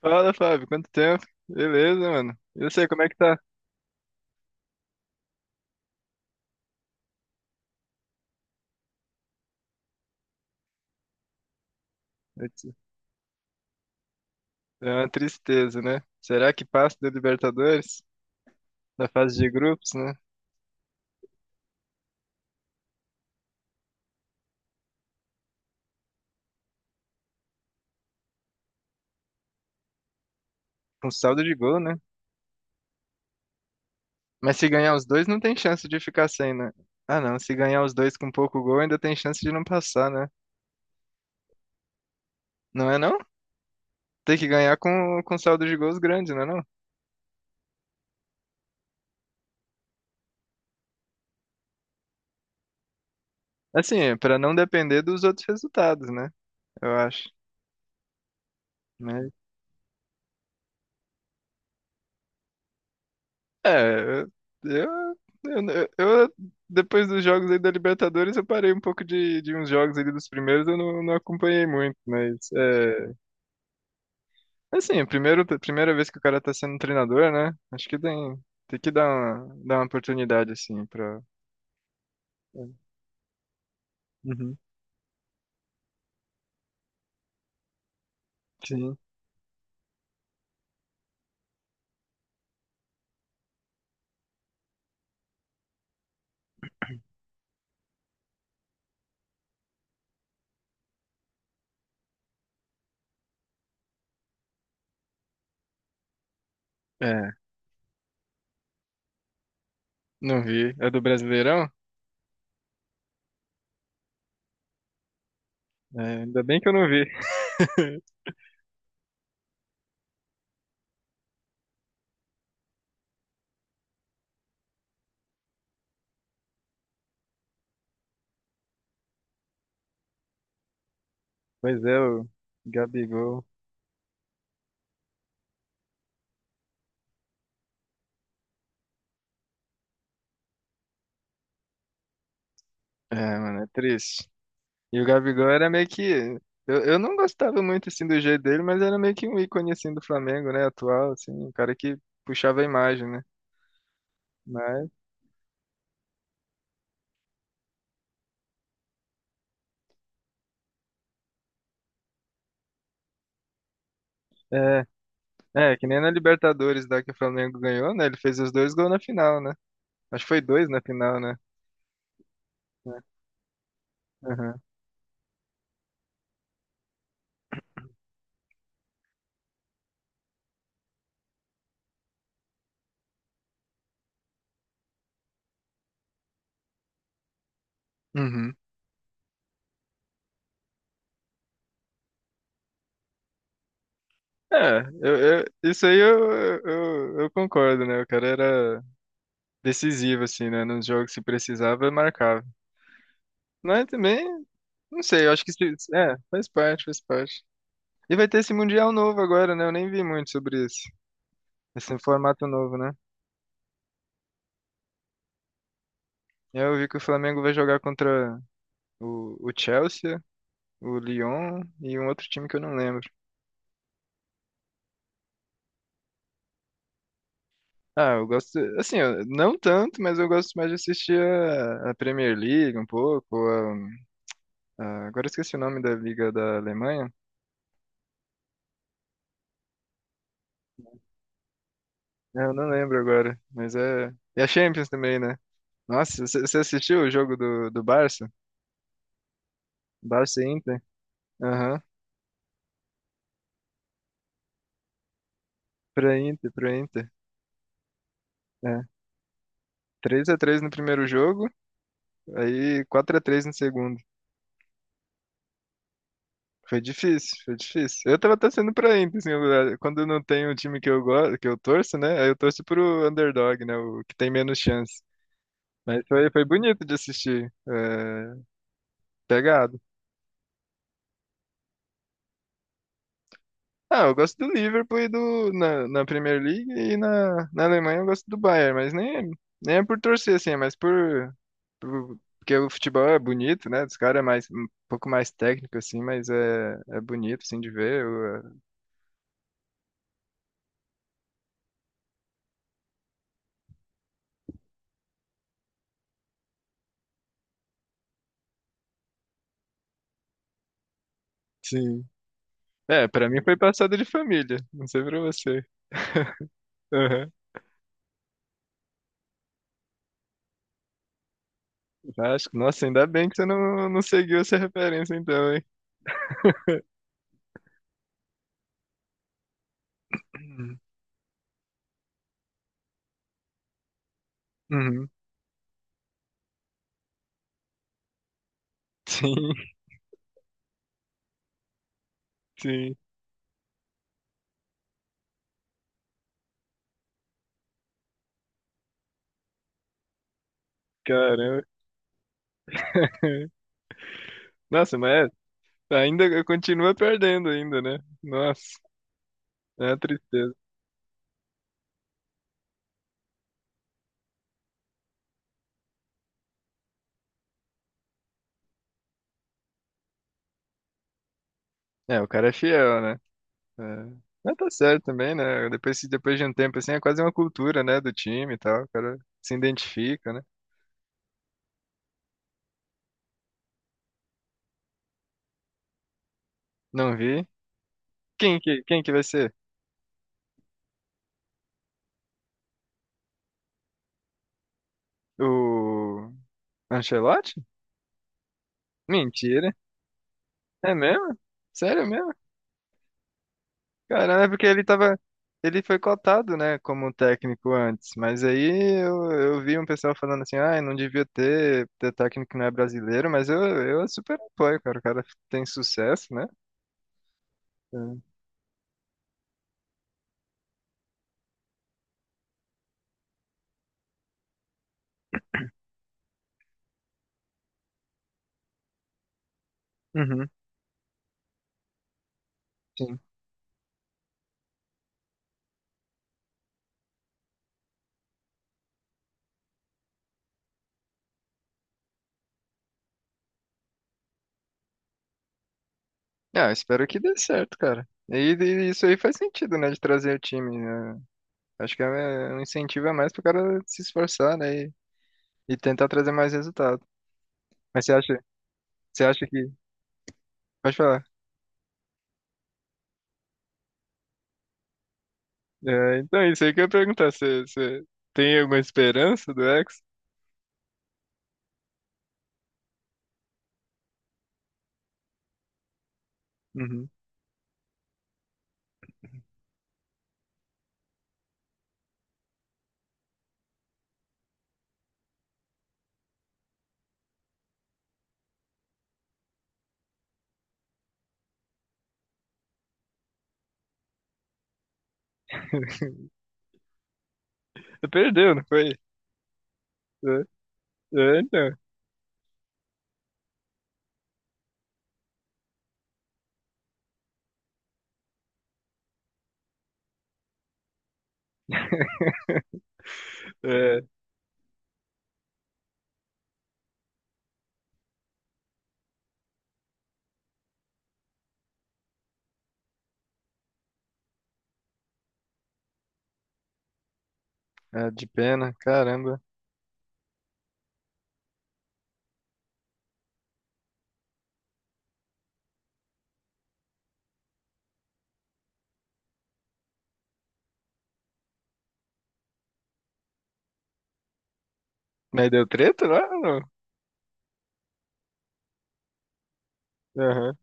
Fala, Fábio, quanto tempo? Beleza, mano. Eu sei como é que tá. Aqui. É uma tristeza, né? Será que passa da Libertadores? Da fase de grupos, né? Com saldo de gol, né? Mas se ganhar os dois, não tem chance de ficar sem, né? Ah, não. Se ganhar os dois com pouco gol, ainda tem chance de não passar, né? Não é não? Tem que ganhar com saldo de gols grande, não é não? Assim, pra não depender dos outros resultados, né? Eu acho. É, eu, eu, eu- depois dos jogos aí da Libertadores, eu parei um pouco de uns jogos ali dos primeiros, eu não acompanhei muito, mas é, assim, é a primeira vez que o cara tá sendo treinador, né? Acho que tem que dar dar uma oportunidade, assim, pra. Uhum. Sim. É, não vi. É do Brasileirão? É, ainda bem que eu não vi. Pois é, o Gabigol. É, mano, é triste. E o Gabigol era meio que. Eu, não gostava muito assim do jeito dele, mas era meio que um ícone assim do Flamengo, né? Atual, assim, um cara que puxava a imagem, né? Mas é, é, que nem na Libertadores da que o Flamengo ganhou, né? Ele fez os dois gols na final, né? Acho que foi dois na final, né? Aham. Uhum. É, isso aí eu, eu concordo, né? O cara era decisivo, assim, né? Nos jogos se precisava, marcava. Mas também, não sei, eu acho que. Se- É, faz parte, faz parte. E vai ter esse Mundial novo agora, né? Eu nem vi muito sobre isso. Esse formato novo, né? Eu vi que o Flamengo vai jogar contra o Chelsea, o Lyon e um outro time que eu não lembro. Ah, eu gosto, assim, eu- não tanto, mas eu gosto mais de assistir a Premier League um pouco. Agora eu esqueci o nome da Liga da Alemanha. É, eu não lembro agora, mas é. E a Champions também, né? Nossa, você assistiu o jogo do Barça? Barça e Inter? Aham, pra Inter. É, 3-3 no primeiro jogo, aí 4-3 no segundo. Foi difícil, foi difícil. Eu tava torcendo pra Inter, assim, quando não tem um time que eu gosto, que eu torço, né? Aí eu torço pro underdog, né? O que tem menos chance. Mas foi, foi bonito de assistir. É, pegado. Ah, eu gosto do Liverpool e do, na Premier League e na Alemanha eu gosto do Bayern, mas nem, é- nem é por torcer, assim, é mais por- Porque o futebol é bonito, né? Dos caras é mais, um pouco mais técnico, assim, mas é, é bonito, assim, de ver. Eu, sim. É, pra mim foi passado de família. Não sei pra você. Aham. Acho que, nossa, ainda bem que você não seguiu essa referência então, hein? Uhum. Sim, sim. Caramba. Nossa, mas é, ainda continua perdendo ainda, né? Nossa, é uma tristeza. É, o cara é fiel, né? É. Mas tá certo também, né? Depois, se- depois de um tempo, assim, é quase uma cultura, né? Do time e tal. O cara se identifica, né? Não vi. Quem que vai ser? O Ancelotti? Mentira. É mesmo? Sério mesmo? Cara, é porque ele tava. Ele foi cotado, né, como técnico antes, mas aí eu vi um pessoal falando assim, ah, não devia ter técnico que não é brasileiro, mas eu super apoio, cara. O cara tem sucesso, né? É. Uhum, sim. Ah, eu espero que dê certo, cara. E isso aí faz sentido, né, de trazer o time, né? Acho que é é um incentivo a mais pro cara se esforçar, né, e tentar trazer mais resultado. Mas você acha que... Pode falar. É, então, isso aí que eu ia perguntar. Você tem alguma esperança do ex Uhum. Perdeu, não foi? É, é, então. É, é, de pena, caramba. Mas deu treta lá ou não? Aham.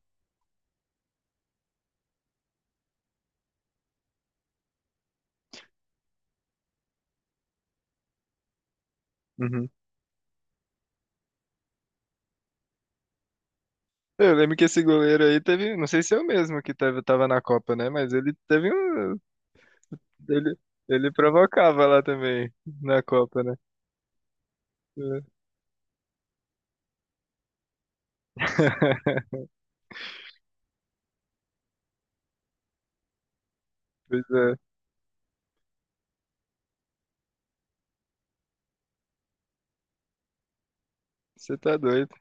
Uhum. Eu lembro que esse goleiro aí teve, não sei se é o mesmo que teve, tava na Copa, né? Mas ele teve um, ele, ele provocava lá também na Copa, né? É. Pois é, você tá doido.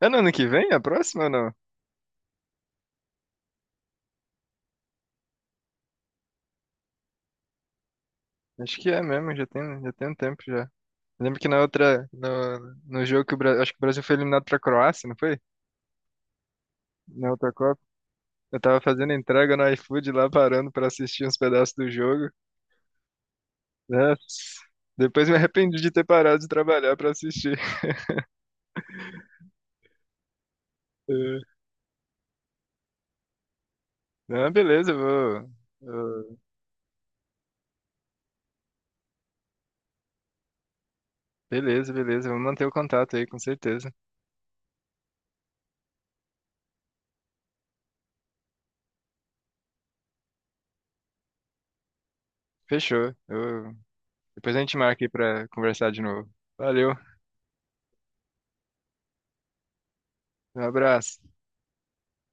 É no ano que vem, a próxima ou não? Acho que é mesmo, já tem um tempo já. Eu lembro que na outra, no jogo que o Brasil, acho que o Brasil foi eliminado pra Croácia, não foi? Na outra Copa. Eu tava fazendo entrega no iFood lá, parando pra assistir uns pedaços do jogo. Nossa. Depois me arrependi de ter parado de trabalhar pra assistir. É. Não, beleza, eu vou. eu- Beleza, beleza, vamos manter o contato aí, com certeza. Fechou. Eu... Depois a gente marca aí pra conversar de novo. Valeu, um abraço.